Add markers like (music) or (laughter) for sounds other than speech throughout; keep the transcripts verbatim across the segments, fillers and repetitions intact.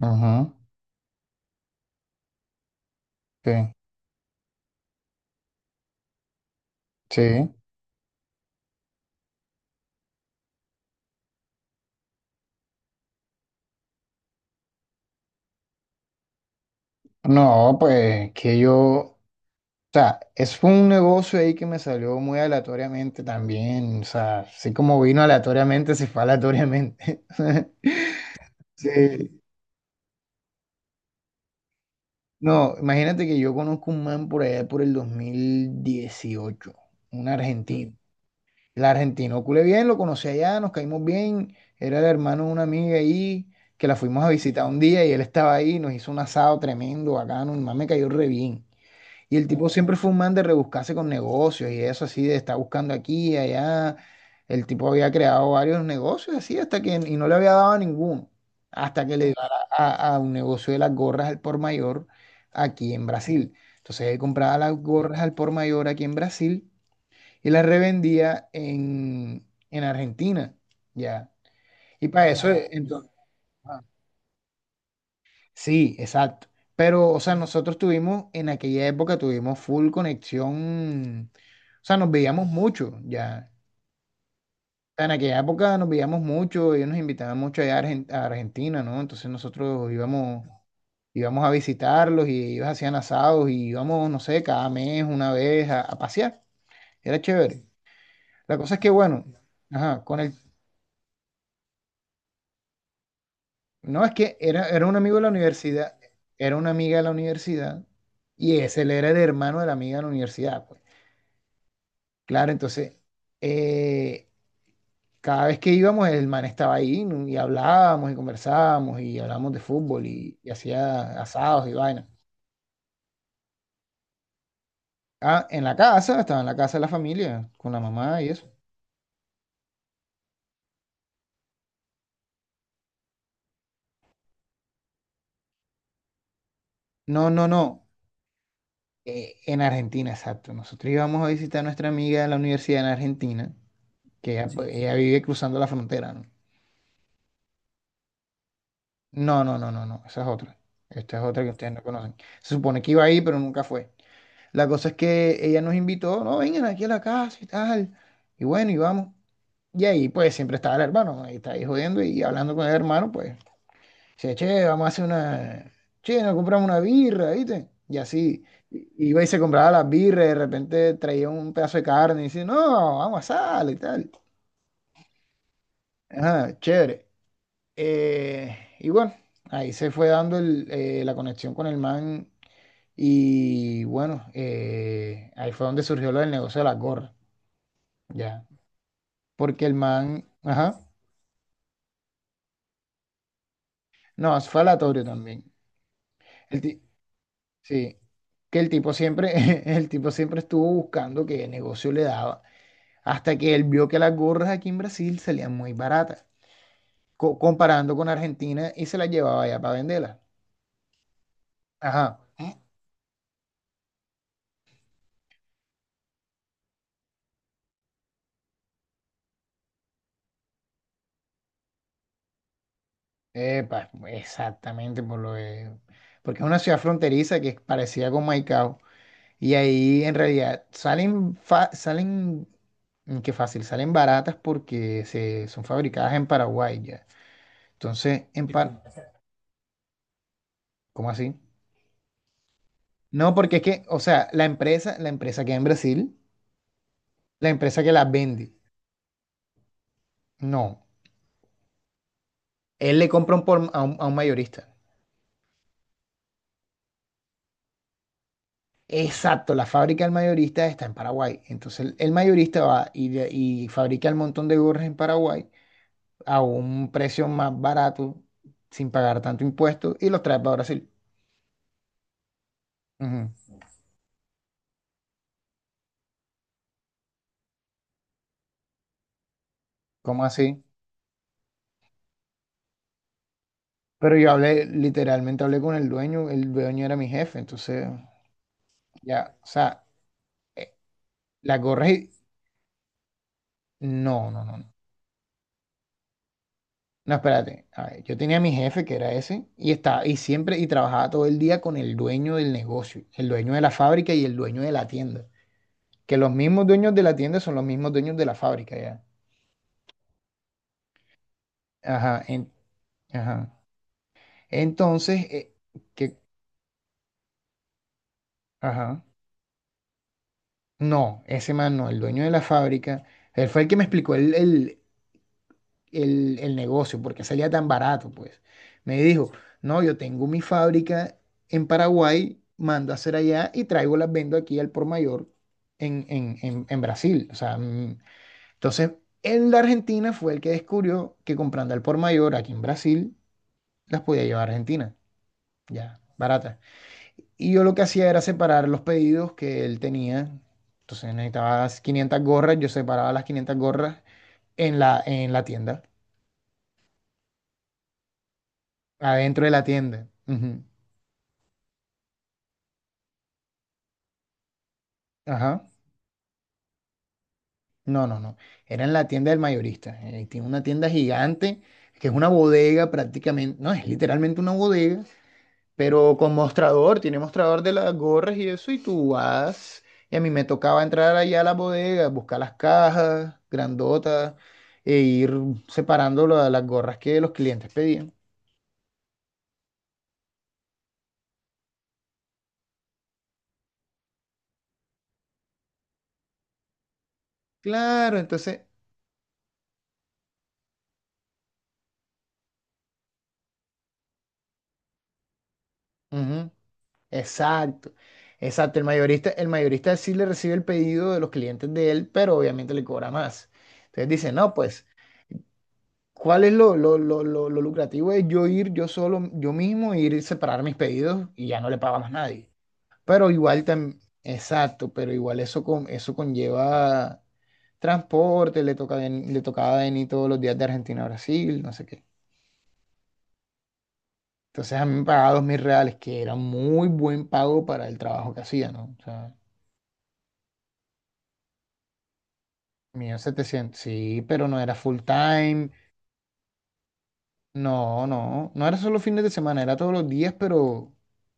Ajá, sí, sí. No, pues que yo, o sea, es un negocio ahí que me salió muy aleatoriamente también, o sea, así como vino aleatoriamente, se fue aleatoriamente. (laughs) Sí. No, imagínate que yo conozco un man por allá por el dos mil dieciocho, un argentino. El argentino, culé bien, lo conocí allá, nos caímos bien, era el hermano de una amiga ahí, que la fuimos a visitar un día y él estaba ahí, nos hizo un asado tremendo, bacano, el man me cayó re bien. Y el tipo siempre fue un man de rebuscarse con negocios y eso, así de estar buscando aquí y allá. El tipo había creado varios negocios así, hasta que y no le había dado a ninguno. Hasta que le dio a, a- a un negocio de las gorras al por mayor aquí en Brasil. Entonces él compraba las gorras al por mayor aquí en Brasil y las revendía en, en Argentina. Ya. Y para eso, entonces. Sí, exacto. Pero, o sea, nosotros tuvimos, en aquella época tuvimos full conexión, o sea, nos veíamos mucho ya. En aquella época nos veíamos mucho, ellos nos invitaban mucho allá a Argen- a Argentina, ¿no? Entonces nosotros íbamos, íbamos a visitarlos y ellos hacían asados y íbamos, no sé, cada mes, una vez a, a pasear. Era chévere. La cosa es que, bueno, ajá, con el... No, es que era, era un amigo de la universidad, era una amiga de la universidad, y ese él era el hermano de la amiga de la universidad, pues. Claro, entonces, eh, cada vez que íbamos, el man estaba ahí, ¿no? Y hablábamos y conversábamos y hablábamos de fútbol, y, y hacía asados y vaina. Ah, en la casa, estaba en la casa de la familia, con la mamá y eso. No, no, no, eh, en Argentina, exacto. Nosotros íbamos a visitar a nuestra amiga de la universidad en Argentina, que ella, pues, sí, ella vive cruzando la frontera, ¿no? No, no, no, no, no, esa es otra. Esta es otra que ustedes no conocen. Se supone que iba ahí, pero nunca fue. La cosa es que ella nos invitó, no, vengan aquí a la casa y tal. Y bueno, y vamos. Y ahí pues siempre estaba el hermano, ahí está ahí jodiendo y hablando con el hermano, pues, dice, che, vamos a hacer una, che, nos compramos una birra, ¿viste? Y así, i- iba y se compraba las birras, de repente traía un pedazo de carne y dice, no, vamos a asar y tal. Ajá, chévere. Eh, y bueno, ahí se fue dando el, eh, la conexión con el man, y bueno, eh, ahí fue donde surgió lo del negocio de las gorras. Ya. Porque el man, ajá. No, es falatorio también. El ti- sí. Que el tipo siempre, (laughs) el tipo siempre estuvo buscando qué negocio le daba. Hasta que él vio que las gorras aquí en Brasil salían muy baratas, co- comparando con Argentina, y se las llevaba allá para venderlas. Ajá. Epa, exactamente por lo de- porque es una ciudad fronteriza que es parecida con Maicao. Y ahí en realidad salen, fa- salen Mm, qué fácil, salen baratas porque se, son fabricadas en Paraguay, ya. Entonces, en par, ¿cómo así? No, porque es que, o sea, la empresa, la empresa que en Brasil, la empresa que las vende, no, él le compra un por- a un, a un mayorista. Exacto, la fábrica del mayorista está en Paraguay. Entonces, el, el mayorista va y, de- y fabrica el montón de gorras en Paraguay a un precio más barato, sin pagar tanto impuesto, y los trae para Brasil. Ujú. ¿Cómo así? Pero yo hablé, literalmente hablé con el dueño, el dueño era mi jefe, entonces ya, o sea, eh, las gorras y... No, no, no, no. No, espérate. A ver, yo tenía a mi jefe, que era ese, y estaba, y siempre, y trabajaba todo el día con el dueño del negocio, el dueño de la fábrica y el dueño de la tienda. Que los mismos dueños de la tienda son los mismos dueños de la fábrica, ya. Ajá, en- ajá. Entonces, eh, que, ajá. No, ese man no, el dueño de la fábrica, él fue el que me explicó el, el, el, el negocio, porque salía tan barato, pues. Me dijo, no, yo tengo mi fábrica en Paraguay, mando a hacer allá y traigo las vendo aquí al por mayor en, en, en, en Brasil. O sea, mm, entonces, él de Argentina fue el que descubrió que comprando al por mayor aquí en Brasil, las podía llevar a Argentina, ya, baratas. Y yo lo que hacía era separar los pedidos que él tenía. Entonces necesitaba quinientas gorras, yo separaba las quinientas gorras en la, en la tienda. Adentro de la tienda. Ujú. Ajá. No, no, no. Era en la tienda del mayorista. Eh, tiene una tienda gigante, que es una bodega prácticamente. No, es literalmente una bodega, pero con mostrador. Tiene mostrador de las gorras y eso. Y tú vas. Y a mí me tocaba entrar allá a la bodega, buscar las cajas grandotas e ir separando la- las gorras que los clientes pedían. Claro, entonces, ujú. Exacto, exacto. El mayorista, el mayorista sí le recibe el pedido de los clientes de él, pero obviamente le cobra más. Entonces dice, no, pues, ¿cuál es lo, lo, lo, lo, lo lucrativo de yo ir yo solo, yo mismo, ir y separar mis pedidos y ya no le paga más nadie? Pero igual también, exacto, pero igual eso, con, eso conlleva transporte, le toca, ven- le tocaba venir todos los días de Argentina a Brasil, no sé qué. Entonces a mí me pagaba dos mil reales, que era muy buen pago para el trabajo que hacía, ¿no? Mil setecientos, sí, pero no era full time, no, no, no era solo fines de semana, era todos los días, pero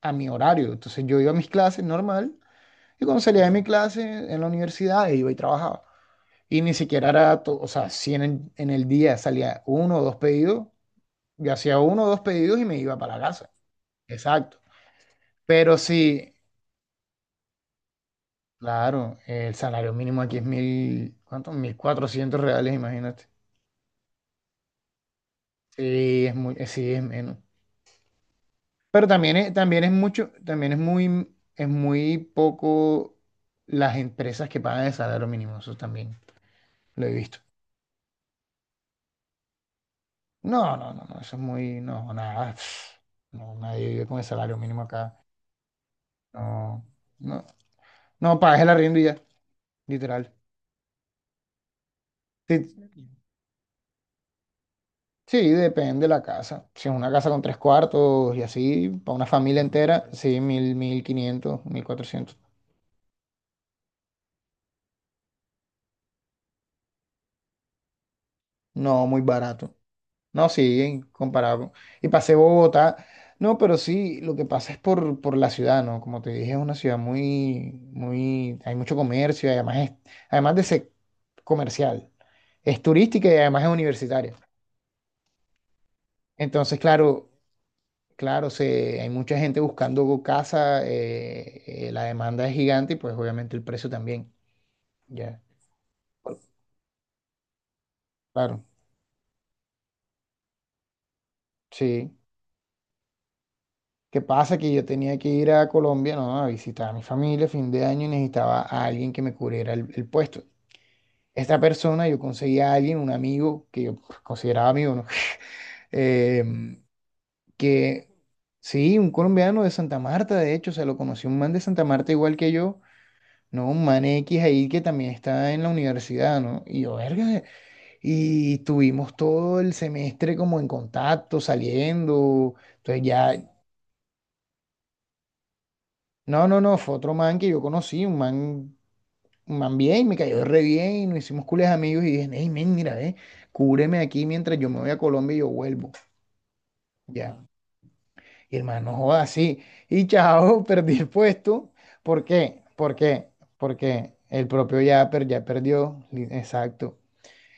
a mi horario. Entonces yo iba a mis clases normal, y cuando salía de mi clase en la universidad iba y trabajaba. Y ni siquiera era, to- o sea, si en el, en el día salía uno o dos pedidos, yo hacía uno o dos pedidos y me iba para la casa. Exacto. Pero sí, claro, el salario mínimo aquí es mil, ¿cuánto? Mil cuatrocientos reales, imagínate. Sí, es muy, eh, sí, es menos. Pero también es, también es mucho, también es muy, es muy poco las empresas que pagan el salario mínimo, eso también lo he visto. No, no, no, no, eso es muy, no, nada, (sighs) pf, no, nadie vive con el salario mínimo acá, no, no, no, pagas el arriendo y ya, literal. Sí, sí, depende de la casa, si es una casa con tres cuartos y así, para una familia entera, sí, mil, mil quinientos, mil cuatrocientos, no, muy barato. No, sí, comparado. Y pasé Bogotá. No, pero sí, lo que pasa es por, por la ciudad, ¿no? Como te dije, es una ciudad muy, muy, hay mucho comercio, y además es, además de ser comercial, es turística y además es universitaria. Entonces, claro, claro, se, hay mucha gente buscando casa, eh, eh, la demanda es gigante y pues obviamente el precio también, ya. Claro, sí. ¿Qué pasa? Que yo tenía que ir a Colombia, ¿no? A visitar a mi familia fin de año, y necesitaba a alguien que me cubriera el, el puesto. Esta persona, yo conseguí a alguien, un amigo, que yo, pues, consideraba amigo, ¿no? (laughs) Eh, que sí, un colombiano de Santa Marta, de hecho, se lo conocí, un man de Santa Marta igual que yo, ¿no? Un man X ahí que también está en la universidad, ¿no? Y yo, verga, y tuvimos todo el semestre como en contacto, saliendo, entonces ya... No, no, no, fue otro man que yo conocí, un man man bien, me cayó re bien, y nos hicimos cules amigos y dije, hey, men, mira, ve, cúbreme aquí mientras yo me voy a Colombia y yo vuelvo, ya. Y hermano man, no joda, así. Y chao, (laughs) perdí el puesto. ¿Por qué? ¿Por qué? Porque el propio Yapper, ya perdió, li- exacto.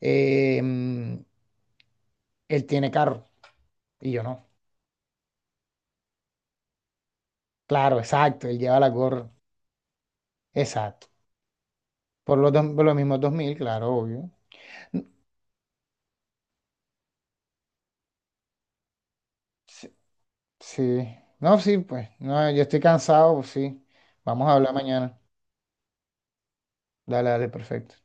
Eh, mm, Él tiene carro y yo no. Claro, exacto, él lleva la gorra, exacto. Por los, dos- por los mismos dos mil, claro, obvio. Sí, sí. No, sí, pues, no, yo estoy cansado, pues sí. Vamos a hablar mañana. Dale, dale, perfecto.